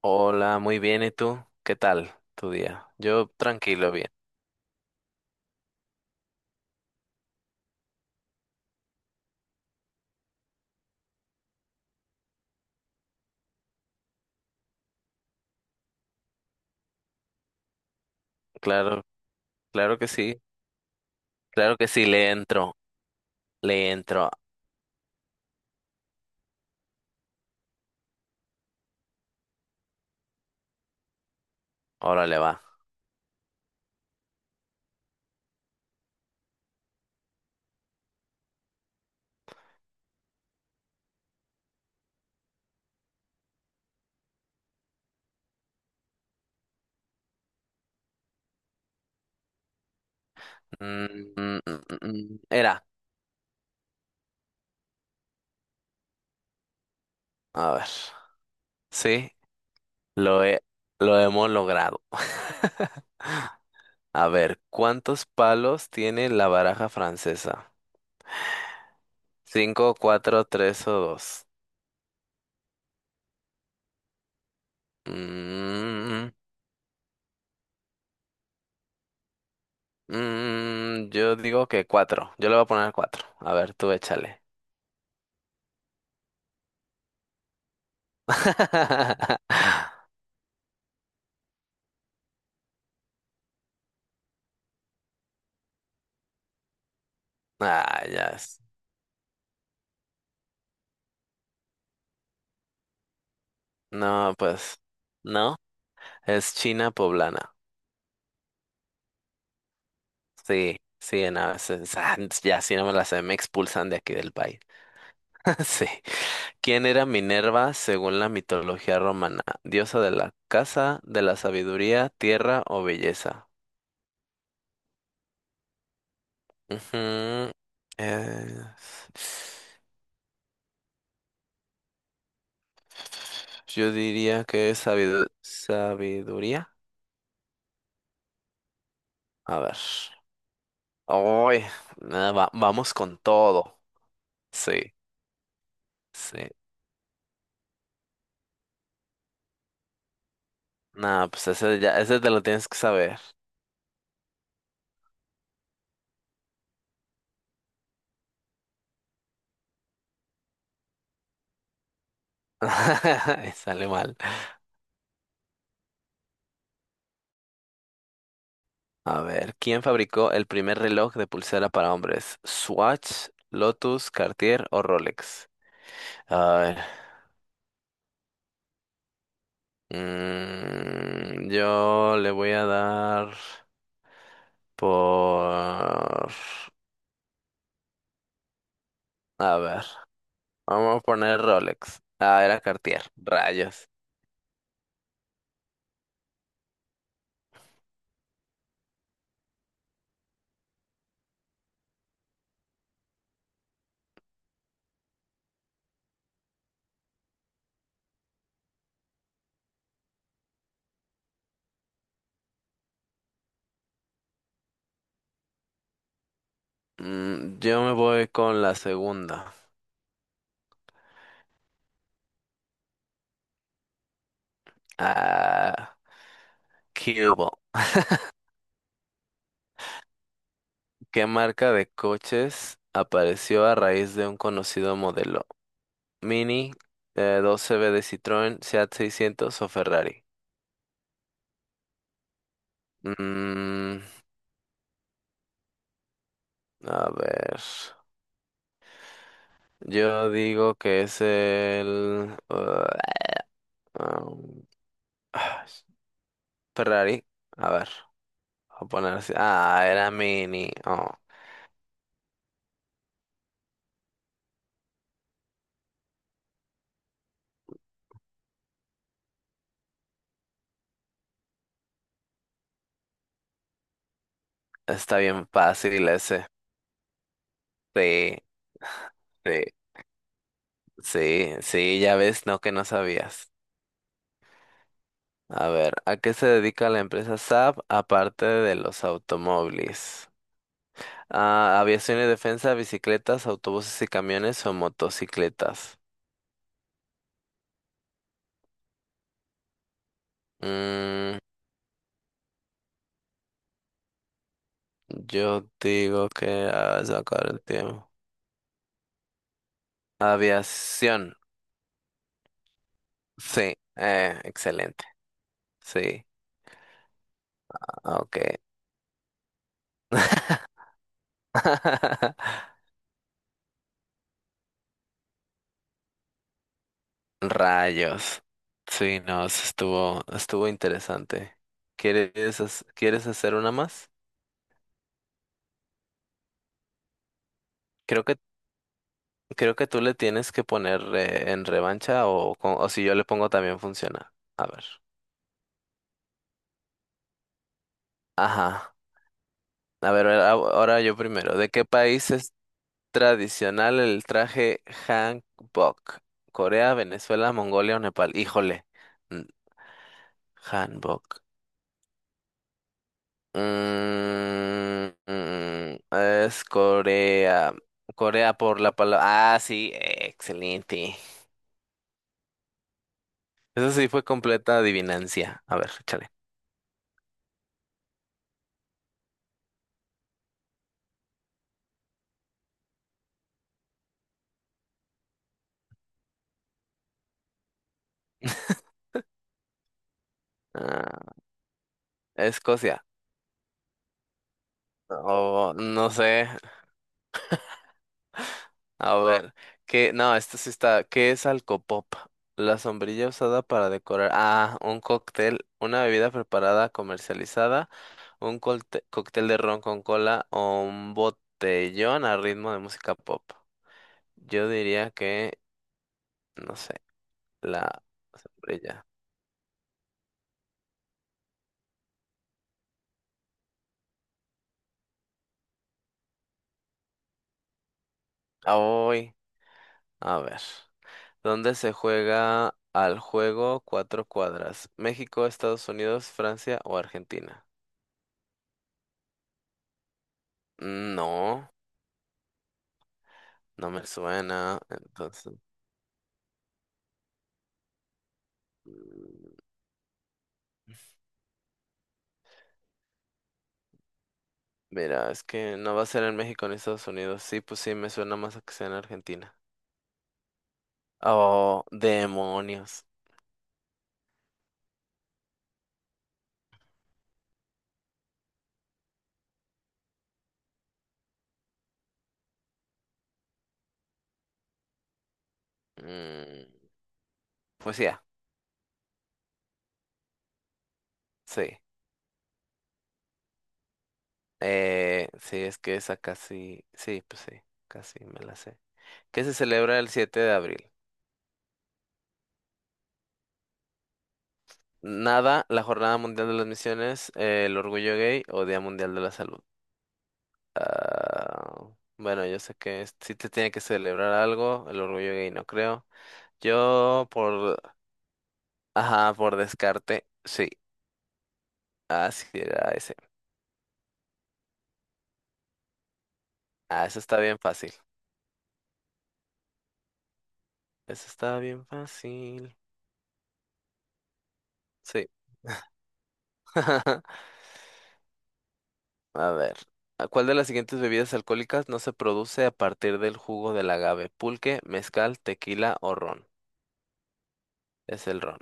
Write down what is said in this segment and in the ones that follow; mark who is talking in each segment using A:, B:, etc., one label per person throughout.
A: Hola, muy bien. ¿Y tú? ¿Qué tal tu día? Yo tranquilo, bien. Claro, claro que sí. Claro que sí, le entro. Le entro. Órale, va. Mm, mm. Era. A ver. Sí, lo he, lo hemos logrado. A ver, ¿cuántos palos tiene la baraja francesa? ¿Cinco, cuatro, tres o dos? Mm, yo digo que cuatro. Yo le voy a poner cuatro. A ver, tú échale. Ah, ya. No, pues, no. Es China poblana. Sí, sí, no, ya si no me la sé, me expulsan de aquí del país. Sí. ¿Quién era Minerva según la mitología romana? ¿Diosa de la casa, de la sabiduría, tierra o belleza? Ujú, es- yo diría que es sabiduría. A ver. Ay, nada, vamos con todo. Sí, sí. No, pues ese ya, ese te lo tienes que saber. Y sale mal. A ver, ¿quién fabricó el primer reloj de pulsera para hombres? ¿Swatch, Lotus, Cartier o Rolex? A ver, yo le voy a dar por... A ver, vamos a poner Rolex. Ah, era Cartier. Rayos. Mm, yo me voy con la segunda. Ah, Cube. ¿Qué marca de coches apareció a raíz de un conocido modelo? Mini, 12B de Citroën, Seat 600 o Ferrari. Mm, a ver. Yo digo que es el... um, ah, Ferrari. A ver, a ponerse. Ah, era Mini. Oh, está bien fácil ese. Sí, sí, sí, sí, ya ves, no que no sabías. A ver, ¿a qué se dedica la empresa Saab aparte de los automóviles? Ah, aviación y defensa, bicicletas, autobuses y camiones o motocicletas. Mm, yo digo que ah, se va a sacar el tiempo. Aviación, sí, excelente, sí, ah, ok. Rayos, sí, no, eso estuvo interesante. ¿Quieres, quieres hacer una más? Creo que Creo que tú le tienes que poner en revancha o, o si yo le pongo también funciona. A ver. Ajá. A ver, ahora yo primero. ¿De qué país es tradicional el traje hanbok? ¿Corea, Venezuela, Mongolia o Nepal? Híjole. mm, Hanbok. Es Corea. Corea por la palabra. Ah, sí, excelente. Eso sí fue completa adivinancia. A ver, échale. Ah, Escocia. Oh, no sé. A ver. ¿Qué? No, esto sí está. ¿Qué es Alcopop? La sombrilla usada para decorar. Ah, un cóctel, una bebida preparada, comercializada, un cóctel de ron con cola o un botellón a ritmo de música pop. Yo diría que, no sé, la sombrilla. Hoy, a ver. ¿Dónde se juega al juego cuatro cuadras? ¿México, Estados Unidos, Francia o Argentina? No. No me suena, entonces. Mm, mira, es que no va a ser en México ni Estados Unidos. Sí, pues sí, me suena más a que sea en Argentina. Oh, demonios. Mm, pues ya, sí. Sí, es que esa casi. Sí, pues sí, casi me la sé. ¿Qué se celebra el 7 de abril? Nada, la Jornada Mundial de las Misiones, el Orgullo Gay o Día Mundial de la Salud. Ah, bueno, yo sé que sí te tiene que celebrar algo, el Orgullo Gay no creo. Yo por, ajá, por descarte, sí, así era ese. Ah, eso está bien fácil. Eso está bien fácil. Sí. A ver, ¿a ¿cuál de las siguientes bebidas alcohólicas no se produce a partir del jugo del agave? Pulque, mezcal, tequila o ron. Es el ron.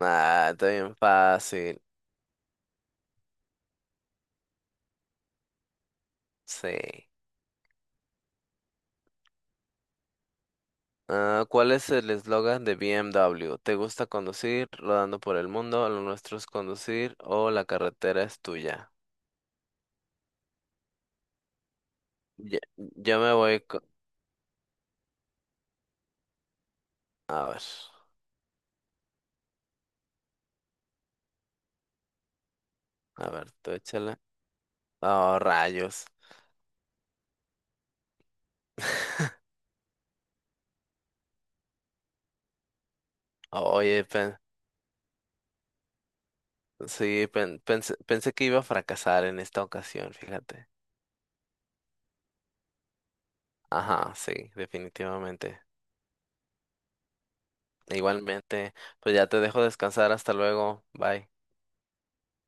A: Ah, está bien fácil. Sí. Ah, ¿cuál es el eslogan de BMW? ¿Te gusta conducir, rodando por el mundo, lo nuestro es conducir o la carretera es tuya? Yo me voy con... A ver, tú échale. Oh, rayos. Oye, sí, pensé, pensé que iba a fracasar en esta ocasión, fíjate. Ajá, sí, definitivamente. Igualmente, pues ya te dejo descansar, hasta luego, bye.